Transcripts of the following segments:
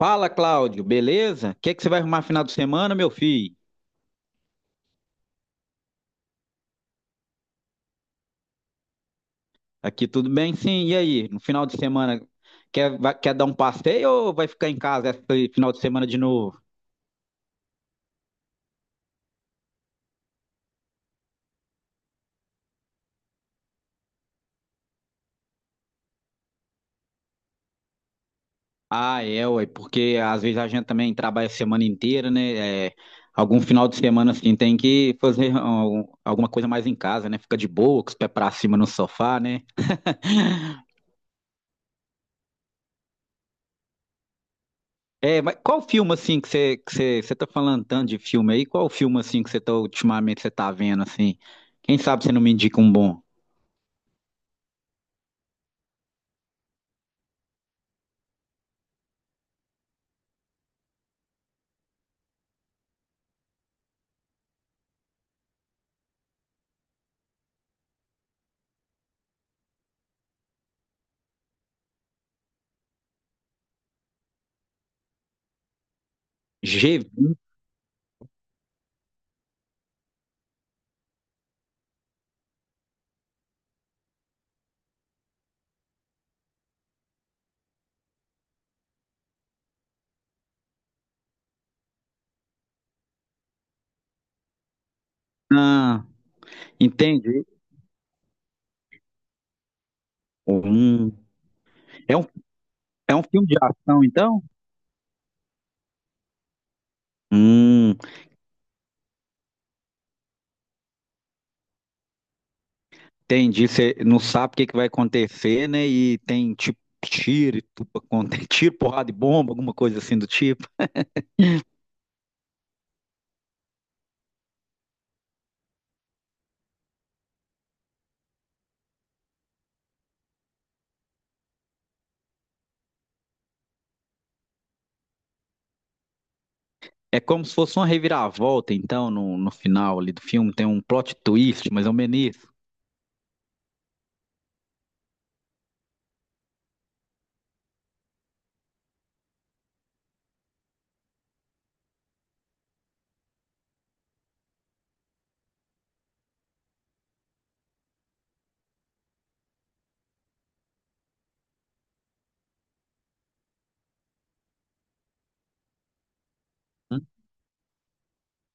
Fala, Cláudio, beleza? O que que você vai arrumar final de semana, meu filho? Aqui tudo bem, sim. E aí, no final de semana, quer dar um passeio ou vai ficar em casa esse final de semana de novo? Ah, é, ué, porque às vezes a gente também trabalha a semana inteira, né? É, algum final de semana, assim, tem que fazer alguma coisa mais em casa, né? Fica de boa, com os pés pra cima no sofá, né? É, mas qual filme, assim, que você tá falando tanto de filme aí? Qual filme, assim, ultimamente, você tá vendo, assim? Quem sabe você não me indica um bom? G20, entendi. Hum, é um, é um filme de ação, então? Hum, entendi. Você não sabe o que, que vai acontecer, né? E tem tipo tiro, e tudo acontece, tiro, porrada e bomba, alguma coisa assim do tipo. É como se fosse uma reviravolta, então, no final ali do filme. Tem um plot twist, mas é um menis.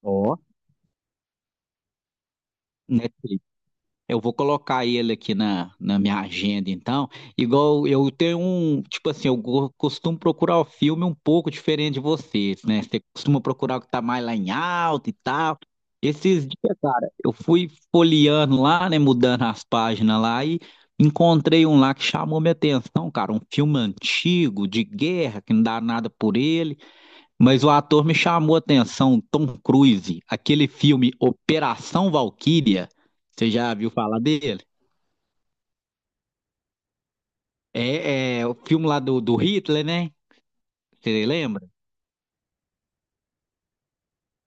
Ó, né? Eu vou colocar ele aqui na minha agenda, então. Igual eu tenho um, tipo assim, costumo procurar o filme um pouco diferente de vocês, né? Você costuma procurar o que tá mais lá em alta e tal. Esses dias, cara, eu fui folheando lá, né, mudando as páginas lá e encontrei um lá que chamou minha atenção, cara, um filme antigo de guerra que não dá nada por ele. Mas o ator me chamou a atenção, Tom Cruise, aquele filme Operação Valquíria, você já viu falar dele? É, é o filme lá do Hitler, né? Você.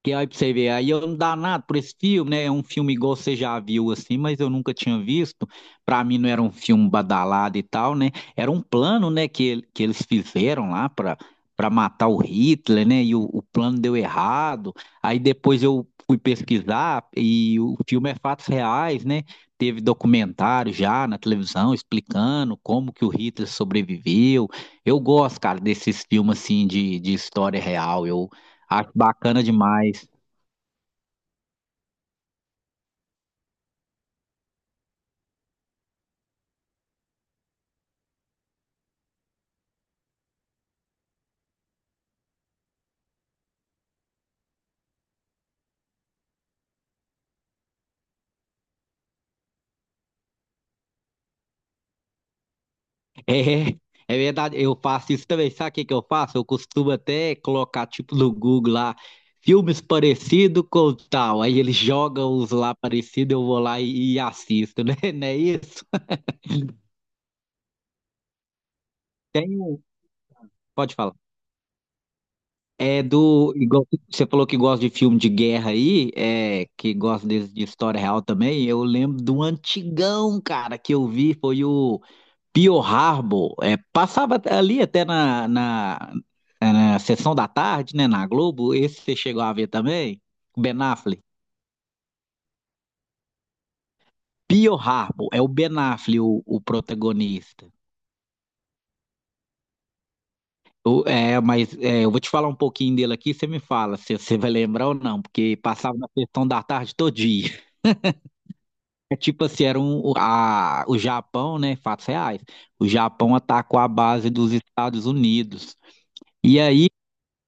Que aí pra você ver, aí eu não dá nada por esse filme, né? É um filme igual você já viu assim, mas eu nunca tinha visto. Pra mim não era um filme badalado e tal, né? Era um plano, né, que, que eles fizeram lá pra matar o Hitler, né? E o plano deu errado. Aí depois eu fui pesquisar e o filme é fatos reais, né? Teve documentário já na televisão explicando como que o Hitler sobreviveu. Eu gosto, cara, desses filmes assim de história real. Eu acho bacana demais. É, é verdade, eu faço isso também. Sabe o que que eu faço? Eu costumo até colocar, tipo, no Google lá, filmes parecidos com tal. Aí eles jogam os lá parecidos, eu vou lá e assisto, né? Não é isso? Tem um. Pode falar. É do. Você falou que gosta de filme de guerra aí, é, que gosta de história real também. Eu lembro do antigão, cara, que eu vi, foi o Pearl Harbor, é, passava ali até na sessão da tarde, né, na Globo, esse você chegou a ver também? Ben Affleck. Pearl Harbor, é o Ben Affleck o protagonista. É, mas é, eu vou te falar um pouquinho dele aqui, você me fala se você vai lembrar ou não, porque passava na sessão da tarde todo dia. É tipo assim, era o Japão, né, fatos reais, o Japão atacou a base dos Estados Unidos. E aí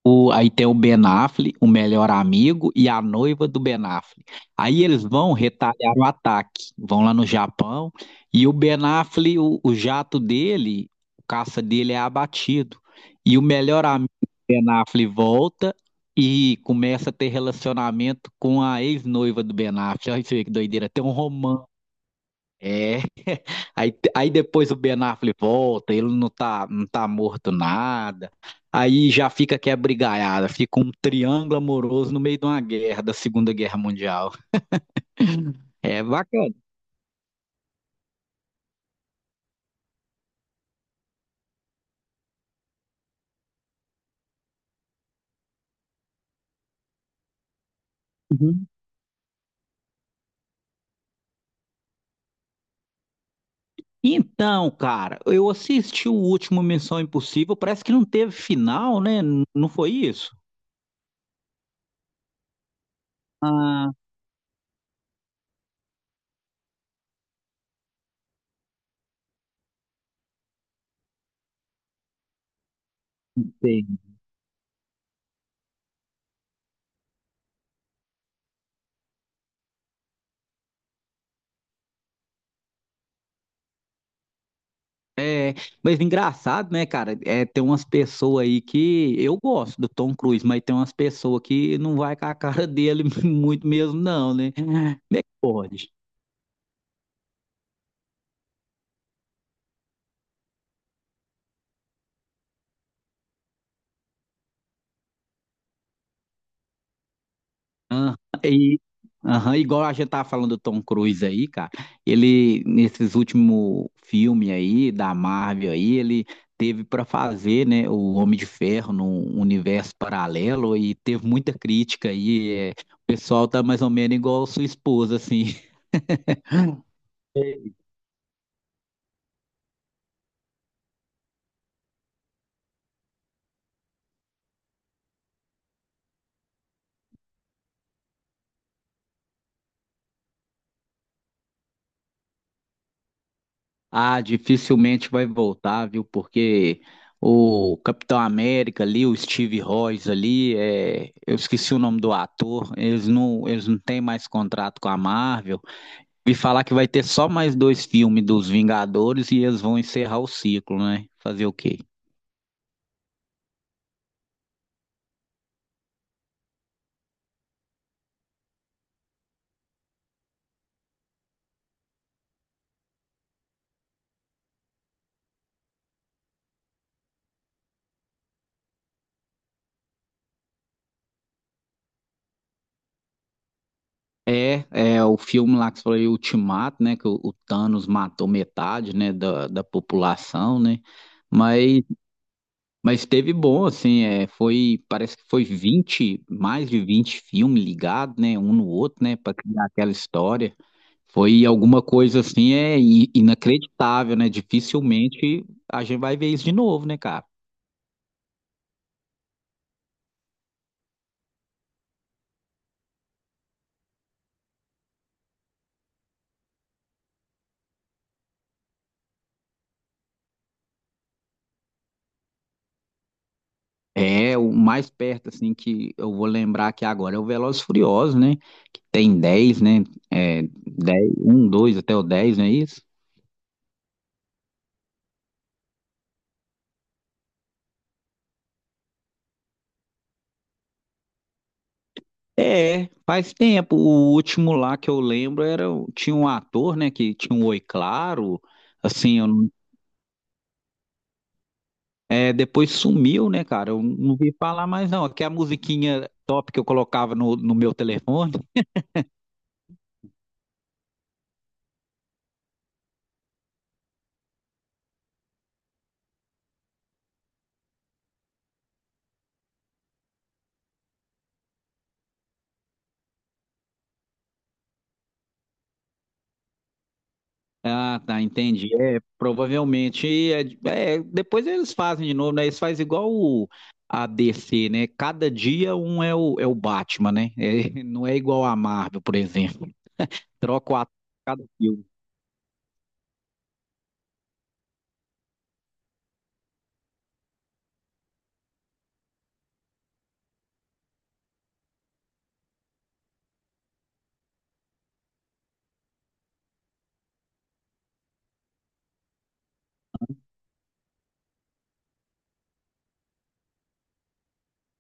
Aí tem o Ben Affleck, o melhor amigo e a noiva do Ben Affleck. Aí eles vão retalhar o ataque, vão lá no Japão e o Ben Affleck, o jato dele, o caça dele é abatido. E o melhor amigo do Ben Affleck volta e começa a ter relacionamento com a ex-noiva do Ben Affleck. Olha isso aí que doideira, tem um romance. É, aí depois o Ben Affleck volta, ele não tá, não tá morto nada, aí já fica que é brigaiada, fica um triângulo amoroso no meio de uma guerra, da Segunda Guerra Mundial. É bacana. Uhum. Então, cara, eu assisti o último Missão Impossível, parece que não teve final, né? Não foi isso? Ah, sei. É, mas engraçado, né, cara? É, tem umas pessoas aí que eu gosto do Tom Cruise, mas tem umas pessoas que não vai com a cara dele muito mesmo, não, né? Como é que pode? Ah, e, aham, igual a gente tava falando do Tom Cruise aí, cara. Ele, nesses últimos filmes aí, da Marvel aí, ele teve pra fazer, né, o Homem de Ferro num universo paralelo e teve muita crítica aí. É, o pessoal tá mais ou menos igual a sua esposa, assim. Ah, dificilmente vai voltar, viu? Porque o Capitão América ali, o Steve Rogers ali, é, eu esqueci o nome do ator, eles não têm mais contrato com a Marvel. Vi falar que vai ter só mais dois filmes dos Vingadores e eles vão encerrar o ciclo, né? Fazer o quê? É, é o filme lá que você falou, aí, Ultimato, né? Que o Thanos matou metade, né, da população, né? Mas Mas teve bom, assim, é, foi, parece que foi 20 mais de 20 filmes ligados, né, um no outro, né, para criar aquela história. Foi alguma coisa, assim, é inacreditável, né, dificilmente a gente vai ver isso de novo, né, cara? É, o mais perto, assim, que eu vou lembrar aqui agora é o Velozes e Furiosos, né, tem 10, né? É, 10, um, dois até o 10, não é isso? É, faz tempo. O último lá que eu lembro era tinha um ator, né, que tinha um Oi Claro, assim, eu não- é, depois sumiu, né, cara? Eu não vi falar mais não. Que a musiquinha top que eu colocava no meu telefone. Ah, tá, entendi. É, provavelmente é, é, depois eles fazem de novo, né? Eles fazem igual o a DC, né? Cada dia um é o Batman, né? É, não é igual a Marvel, por exemplo. Troca o ator a cada filme.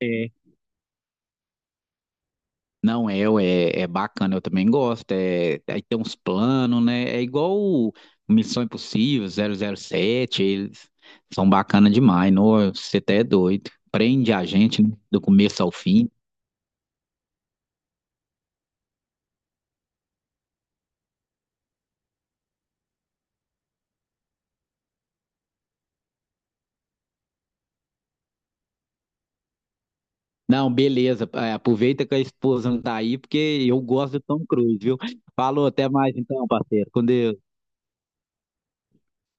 É. Não, é, ué, é bacana, eu também gosto. É, aí tem uns planos, né? É igual o Missão Impossível, 007, eles são bacana demais. Nossa, você até é doido. Prende a gente, né, do começo ao fim. Não, beleza. É, aproveita que a esposa não tá aí, porque eu gosto do Tom Cruise, viu? Falou, até mais então, parceiro. Com Deus.